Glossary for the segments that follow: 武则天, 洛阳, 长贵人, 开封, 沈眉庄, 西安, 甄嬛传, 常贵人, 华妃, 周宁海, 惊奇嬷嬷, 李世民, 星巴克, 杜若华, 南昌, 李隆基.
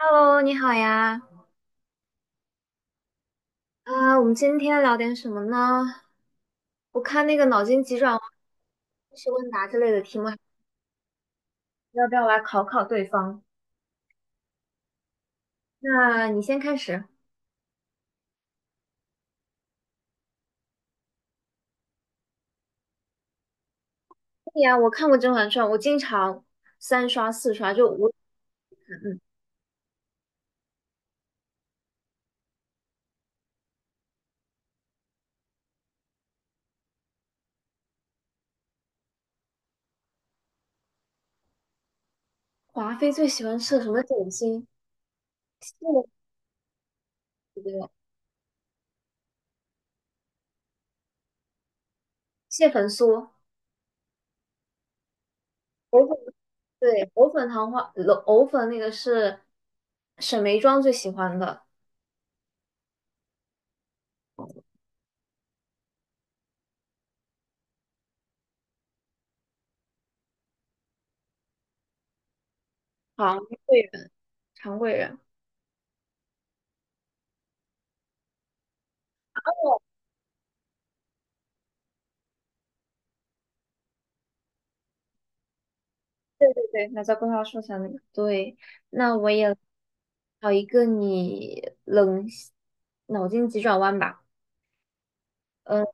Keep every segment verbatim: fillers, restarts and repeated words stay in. Hello，你好呀。啊、我们今天聊点什么呢？我看那个脑筋急转弯、知识问答之类的题目，要不要来考考对方？那你先开始。对呀，我看过《甄嬛传》，我经常三刷四刷，就无嗯，华妃最喜欢吃的什么点心？那蟹粉酥、藕粉，对，藕粉糖花，藕粉那个是沈眉庄最喜欢的。长贵人，常贵人。对，那吒、规划树上，那个。对，那我也找一个你冷脑筋急转弯吧。嗯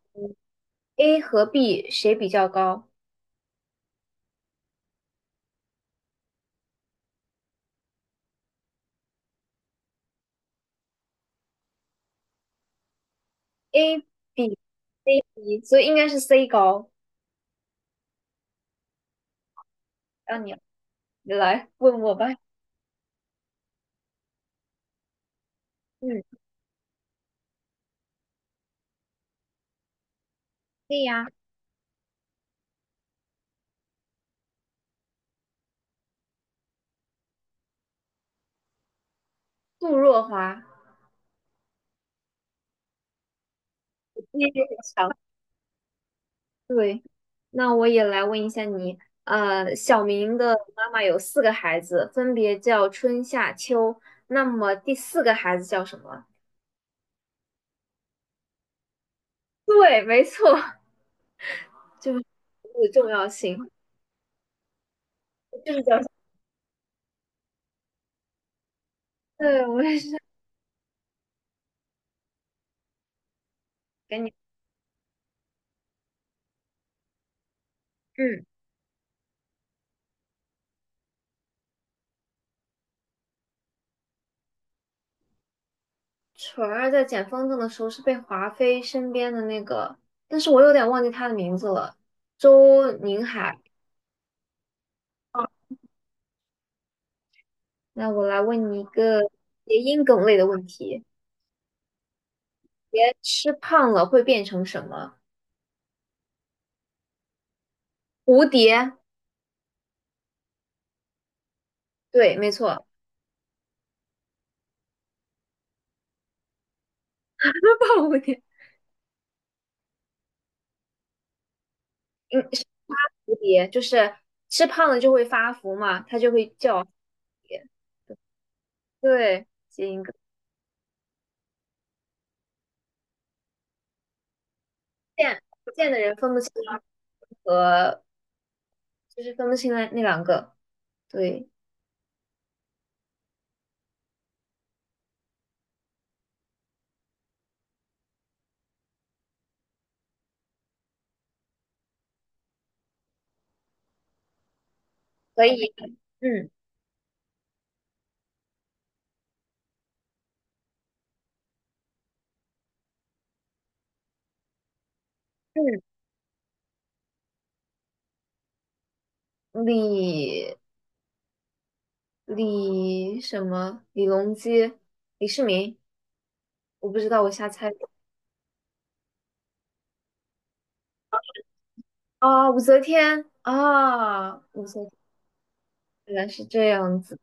，A 和 B 谁比较高？A 比 B，所以应该是 C 高。让你你来问我吧。嗯，对呀，杜若华，你也很强。对，那我也来问一下你。呃，小明的妈妈有四个孩子，分别叫春夏秋。那么第四个孩子叫什么？对，没错。就是的重要性，就是叫对我也是 给你，嗯，纯儿在捡风筝的时候是被华妃身边的那个，但是我有点忘记他的名字了，周宁海。那我来问你一个谐音梗类的问题：别吃胖了会变成什么？蝴蝶，对，没错，胖蝴蝶，嗯，是发蝴蝶，就是吃胖了就会发福嘛，它就会叫蝴蝶。对，谐音梗，不见不见的人分不清啊就是分不清那那两个，对，所以，嗯嗯，李李什么李隆基、李世民，我不知道，我瞎猜的啊，武则天啊，武则天原来是这样子。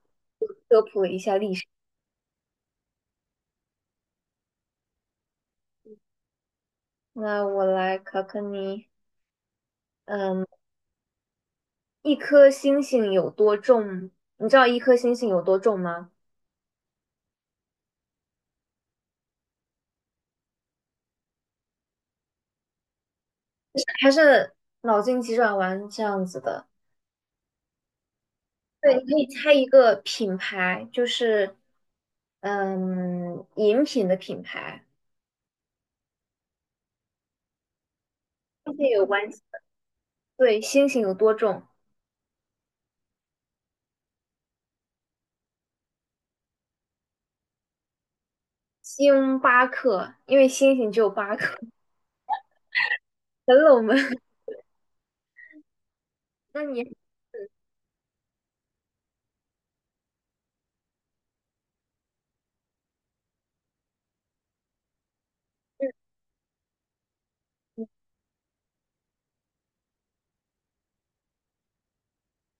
那我来考考你，嗯，一颗星星有多重？你知道一颗星星有多重吗？还是脑筋急转弯这样子的？对，你可以猜一个品牌，就是嗯，饮品的品牌，并且有关系。对，星星有多重？星巴克，因为星星只有八颗，很冷门。那你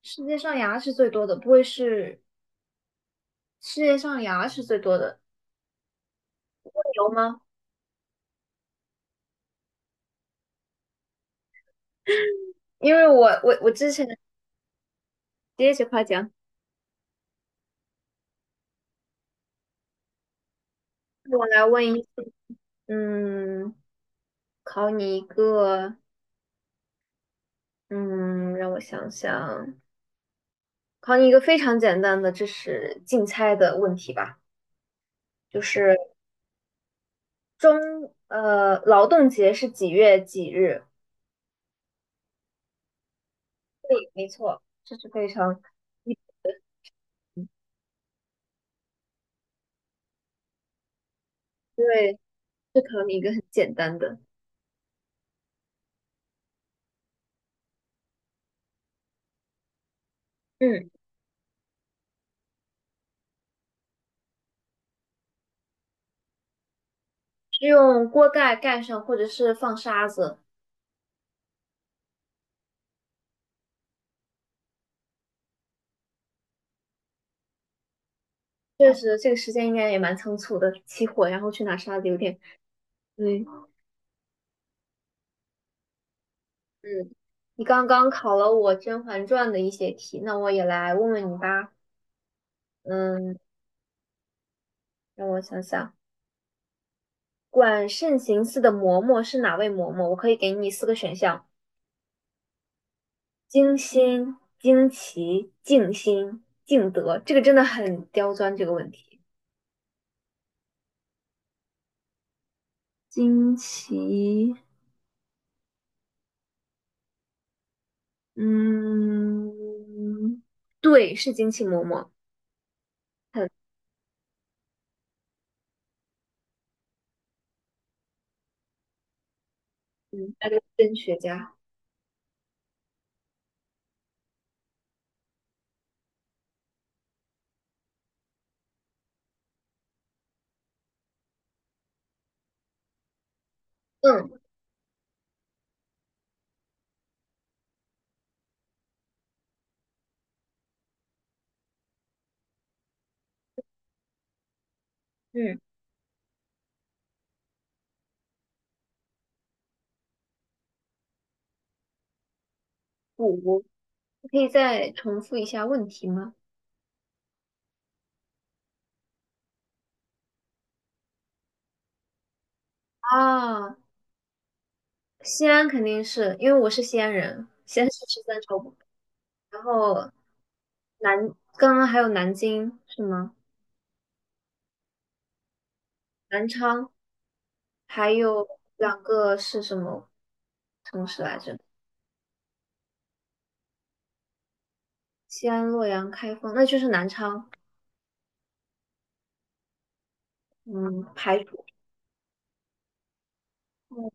世界上牙是最多的，不会是世界上牙是最多的？有吗？因为我我我之前接着夸奖，我来问一，嗯，考你一个，嗯，让我想想，考你一个非常简单的，这是竞猜的问题吧？就是中呃劳动节是几月几日？对，没错，这是非常对，这考你一个很简单的，嗯，是用锅盖盖上或者是放沙子。确实，这个时间应该也蛮仓促的，起火然后去拿沙子，有点对，嗯。你刚刚考了我《甄嬛传》的一些题，那我也来问问你吧。嗯，让我想想。管慎行寺的嬷嬷是哪位嬷嬷？我可以给你四个选项：精心、惊奇、静心、敬德。这个真的很刁钻，这个问题。惊奇，嗯，对，是惊奇嬷嬷，很嗯，那是真学家。嗯嗯，五，你可以再重复一下问题吗？啊，西安肯定是因为我是西安人，西安是十三朝古，然后南，刚刚还有南京是吗？南昌，还有两个是什么城市来着？西安、洛阳、开封，那就是南昌。嗯，排除。嗯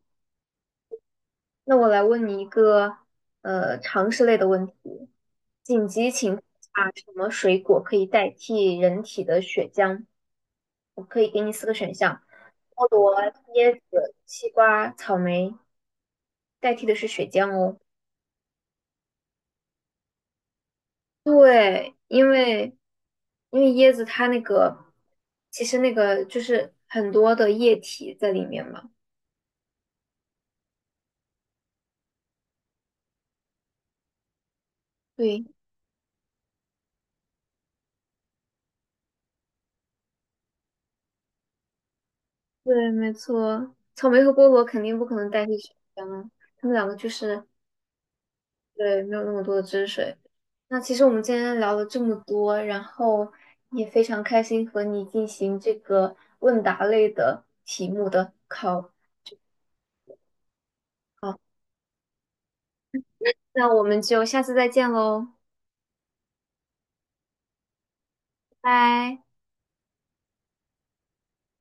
那我来问你一个呃常识类的问题：紧急情况下，什么水果可以代替人体的血浆？我可以给你四个选项：菠萝、椰子、西瓜、草莓。代替的是血浆哦。对，因为因为椰子它那个其实那个就是很多的液体在里面嘛。对，对，没错，草莓和菠萝肯定不可能代替水果啊，它们两个就是对没有那么多的汁水。那其实我们今天聊了这么多，然后也非常开心和你进行这个问答类的题目的考。好，那我们就下次再见喽，拜拜。